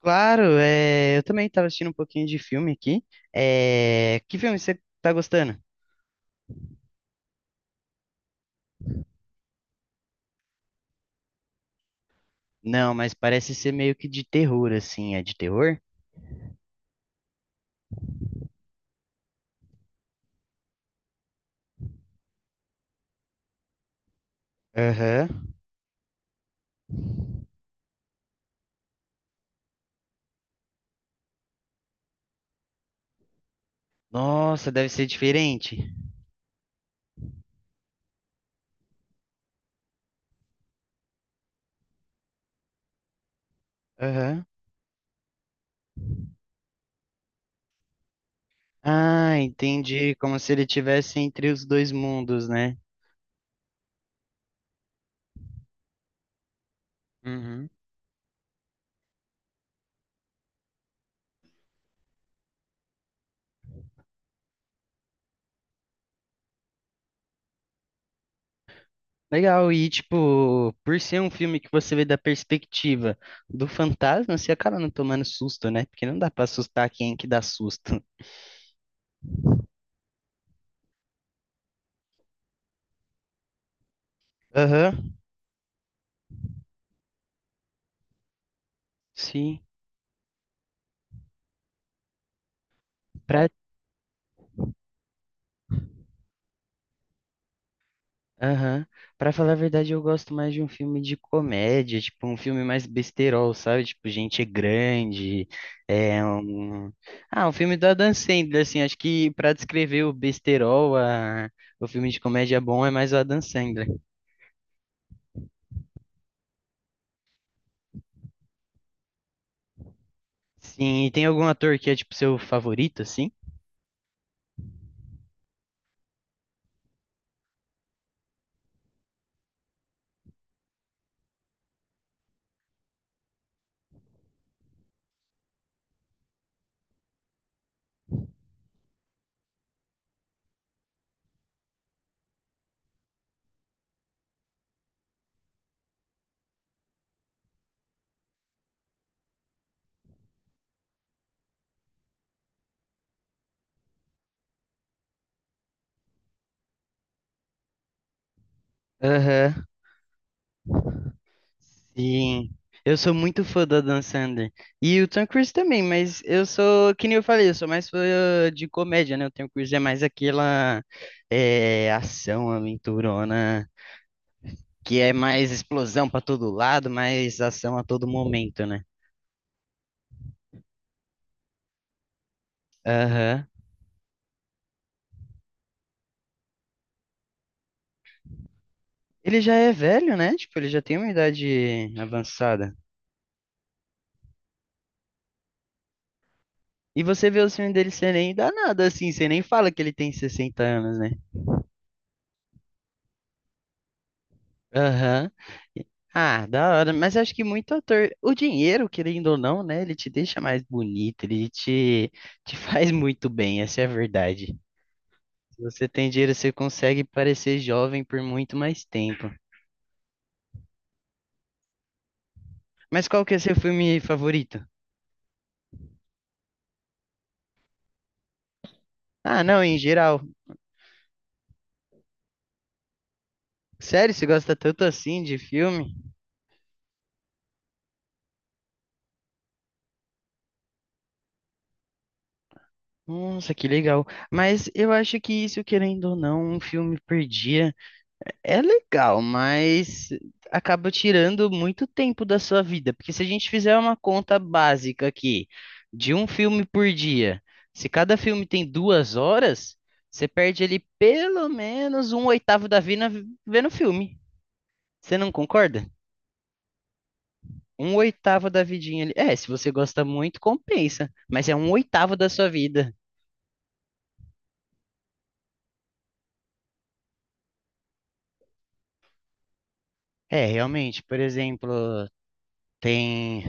Claro, é, eu também estava assistindo um pouquinho de filme aqui. É, que filme você tá gostando? Não, mas parece ser meio que de terror, assim. É de terror? Aham. Nossa, deve ser diferente. Aham. Ah, entendi. Como se ele tivesse entre os dois mundos, né? Uhum. Legal, e tipo, por ser um filme que você vê da perspectiva do fantasma, você acaba não tomando susto, né? Porque não dá pra assustar quem que dá susto. Aham. Sim. Pra Aham. Pra falar a verdade, eu gosto mais de um filme de comédia, tipo um filme mais besterol, sabe? Tipo, gente grande, é um... Ah, um filme do Adam Sandler, assim, acho que pra descrever o besterol, o filme de comédia bom é mais o Adam Sandler. Sim, e tem algum ator que é, tipo, seu favorito, assim? Aham. Sim, eu sou muito fã do Adam Sandler. E o Tom Cruise também, mas eu sou, que nem eu falei, eu sou mais fã de comédia, né? O Tom Cruise é mais aquela é, ação aventurona, que é mais explosão pra todo lado, mais ação a todo momento, né? Aham. Ele já é velho, né? Tipo, ele já tem uma idade avançada. E você vê o filme dele, você nem dá nada assim, você nem fala que ele tem 60 anos, né? Aham. E- Ah, da hora. Mas eu acho que muito ator. O dinheiro, querendo ou não, né? Ele te deixa mais bonito, ele te faz muito bem, essa é a verdade. Se você tem dinheiro, você consegue parecer jovem por muito mais tempo. Mas qual que é seu filme favorito? Ah, não, em geral. Sério, você gosta tanto assim de filme? Nossa, que legal. Mas eu acho que isso, querendo ou não, um filme perdia. É legal, mas acaba tirando muito tempo da sua vida, porque se a gente fizer uma conta básica aqui de um filme por dia, se cada filme tem 2 horas, você perde ali pelo menos um oitavo da vida vendo filme. Você não concorda? Um oitavo da vidinha ali. É, se você gosta muito, compensa, mas é um oitavo da sua vida. É, realmente, por exemplo, tem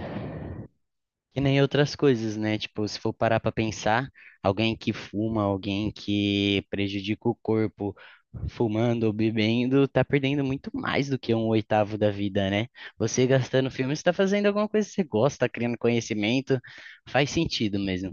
E nem outras coisas, né? Tipo, se for parar pra pensar, alguém que fuma, alguém que prejudica o corpo fumando ou bebendo, tá perdendo muito mais do que um oitavo da vida, né? Você gastando filme, você tá fazendo alguma coisa que você gosta, tá criando conhecimento, faz sentido mesmo.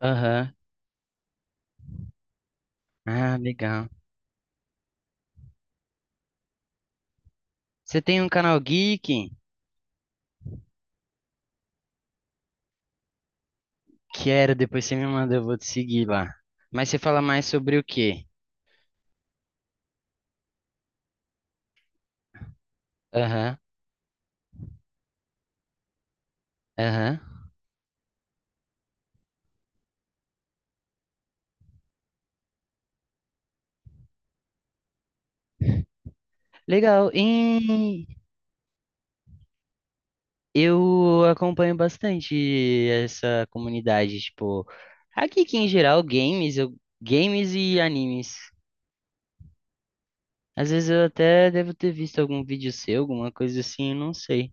Aham. Ah, legal. Você tem um canal geek? Quero, depois você me manda, eu vou te seguir lá. Mas você fala mais sobre o quê? Aham, aham. Legal. Eu acompanho bastante essa comunidade, tipo, aqui que em geral games, games e animes. Às vezes eu até devo ter visto algum vídeo seu, alguma coisa assim, eu não sei.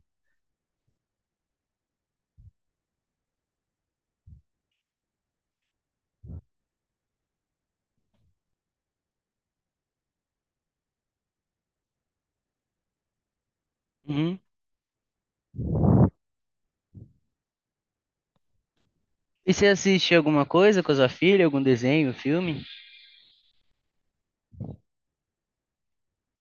Uhum. E você assiste alguma coisa com a sua filha, algum desenho, filme?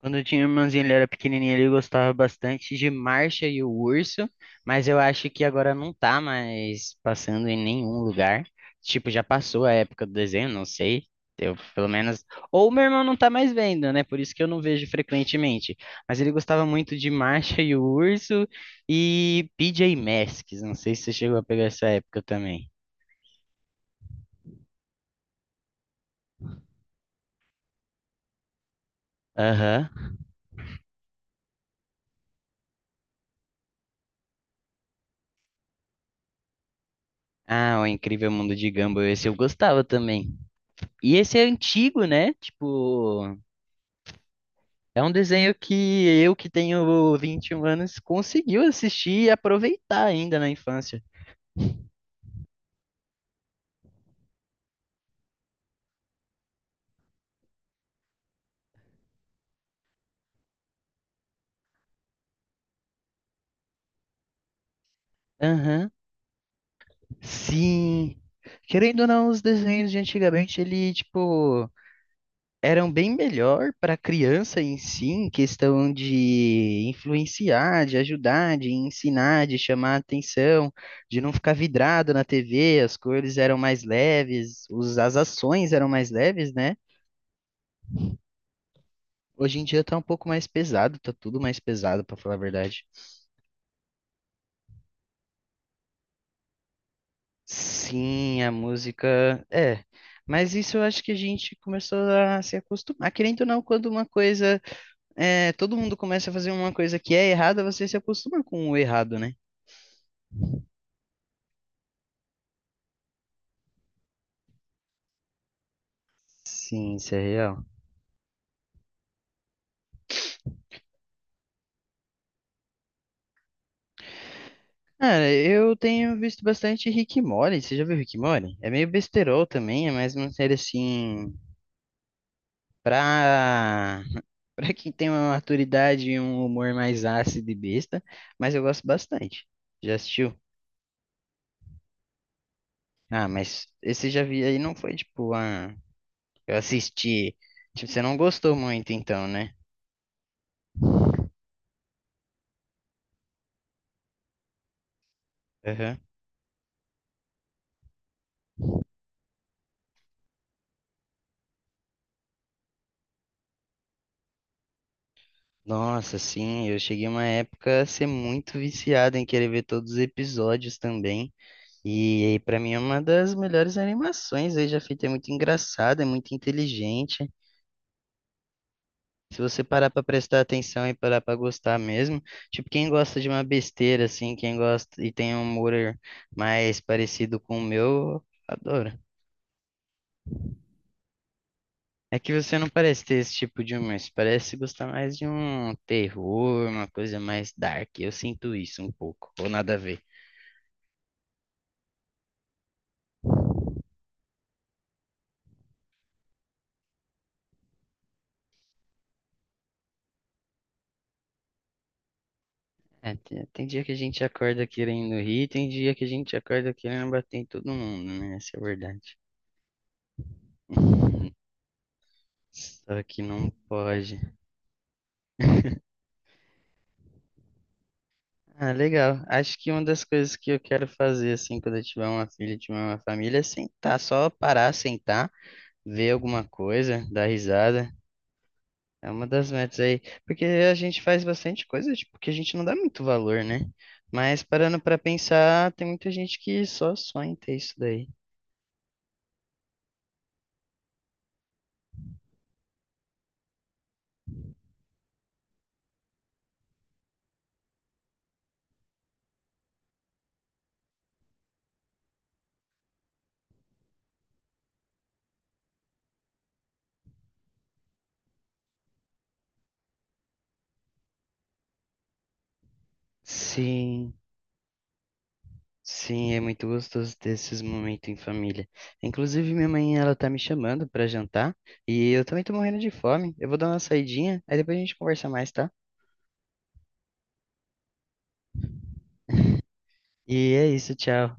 Quando eu tinha irmãzinho, ele era pequenininho, ele gostava bastante de Marcha e o Urso, mas eu acho que agora não tá mais passando em nenhum lugar. Tipo, já passou a época do desenho, não sei. Eu, pelo menos. Ou meu irmão não tá mais vendo, né? Por isso que eu não vejo frequentemente. Mas ele gostava muito de Marcha e o Urso e PJ Masks. Não sei se você chegou a pegar essa época também. Aham. Ah, o Incrível Mundo de Gumball, esse eu gostava também. E esse é antigo, né? Tipo. É um desenho que eu, que tenho 21 anos, conseguiu assistir e aproveitar ainda na infância. Aham. Sim. Querendo ou não, os desenhos de antigamente, ele, tipo, eram bem melhor para criança em si, em questão de influenciar, de ajudar, de ensinar, de chamar atenção, de não ficar vidrado na TV, as cores eram mais leves, as ações eram mais leves, né? Hoje em dia tá um pouco mais pesado, tá tudo mais pesado, para falar a verdade. Sim, a música é. Mas isso eu acho que a gente começou a se acostumar. Querendo ou não, quando uma coisa. É, todo mundo começa a fazer uma coisa que é errada, você se acostuma com o errado, né? Sim, isso é real. Cara, eu tenho visto bastante Rick e Morty. Você já viu Rick e Morty? É meio besterol também, é mais uma série assim. Pra. Pra quem tem uma maturidade e um humor mais ácido e besta. Mas eu gosto bastante. Já assistiu? Ah, mas esse já vi aí não foi tipo, ah, eu assisti. Tipo, você não gostou muito então, né? Aham. Nossa, sim, eu cheguei uma época a ser muito viciado em querer ver todos os episódios também. E aí, pra mim é uma das melhores animações aí já feita, é muito engraçada, é muito inteligente. Se você parar pra prestar atenção e parar pra gostar mesmo, tipo, quem gosta de uma besteira assim, quem gosta e tem um humor mais parecido com o meu, adora. É que você não parece ter esse tipo de humor, você parece gostar mais de um terror, uma coisa mais dark. Eu sinto isso um pouco, ou nada a ver. É, tem dia que a gente acorda querendo rir, tem dia que a gente acorda querendo bater em todo mundo, né? Essa é a verdade. Só que não pode. Ah, legal. Acho que uma das coisas que eu quero fazer, assim, quando eu tiver uma filha, tiver uma família, é sentar, só parar, sentar, ver alguma coisa, dar risada. É uma das metas aí, porque a gente faz bastante coisa, tipo, que a gente não dá muito valor, né? Mas parando pra pensar, tem muita gente que só sonha em ter isso daí. Sim, sim, é muito gostoso ter esses momentos em família. Inclusive, minha mãe, ela tá me chamando pra jantar e eu também tô morrendo de fome. Eu vou dar uma saidinha, aí depois a gente conversa mais, tá? E é isso, tchau.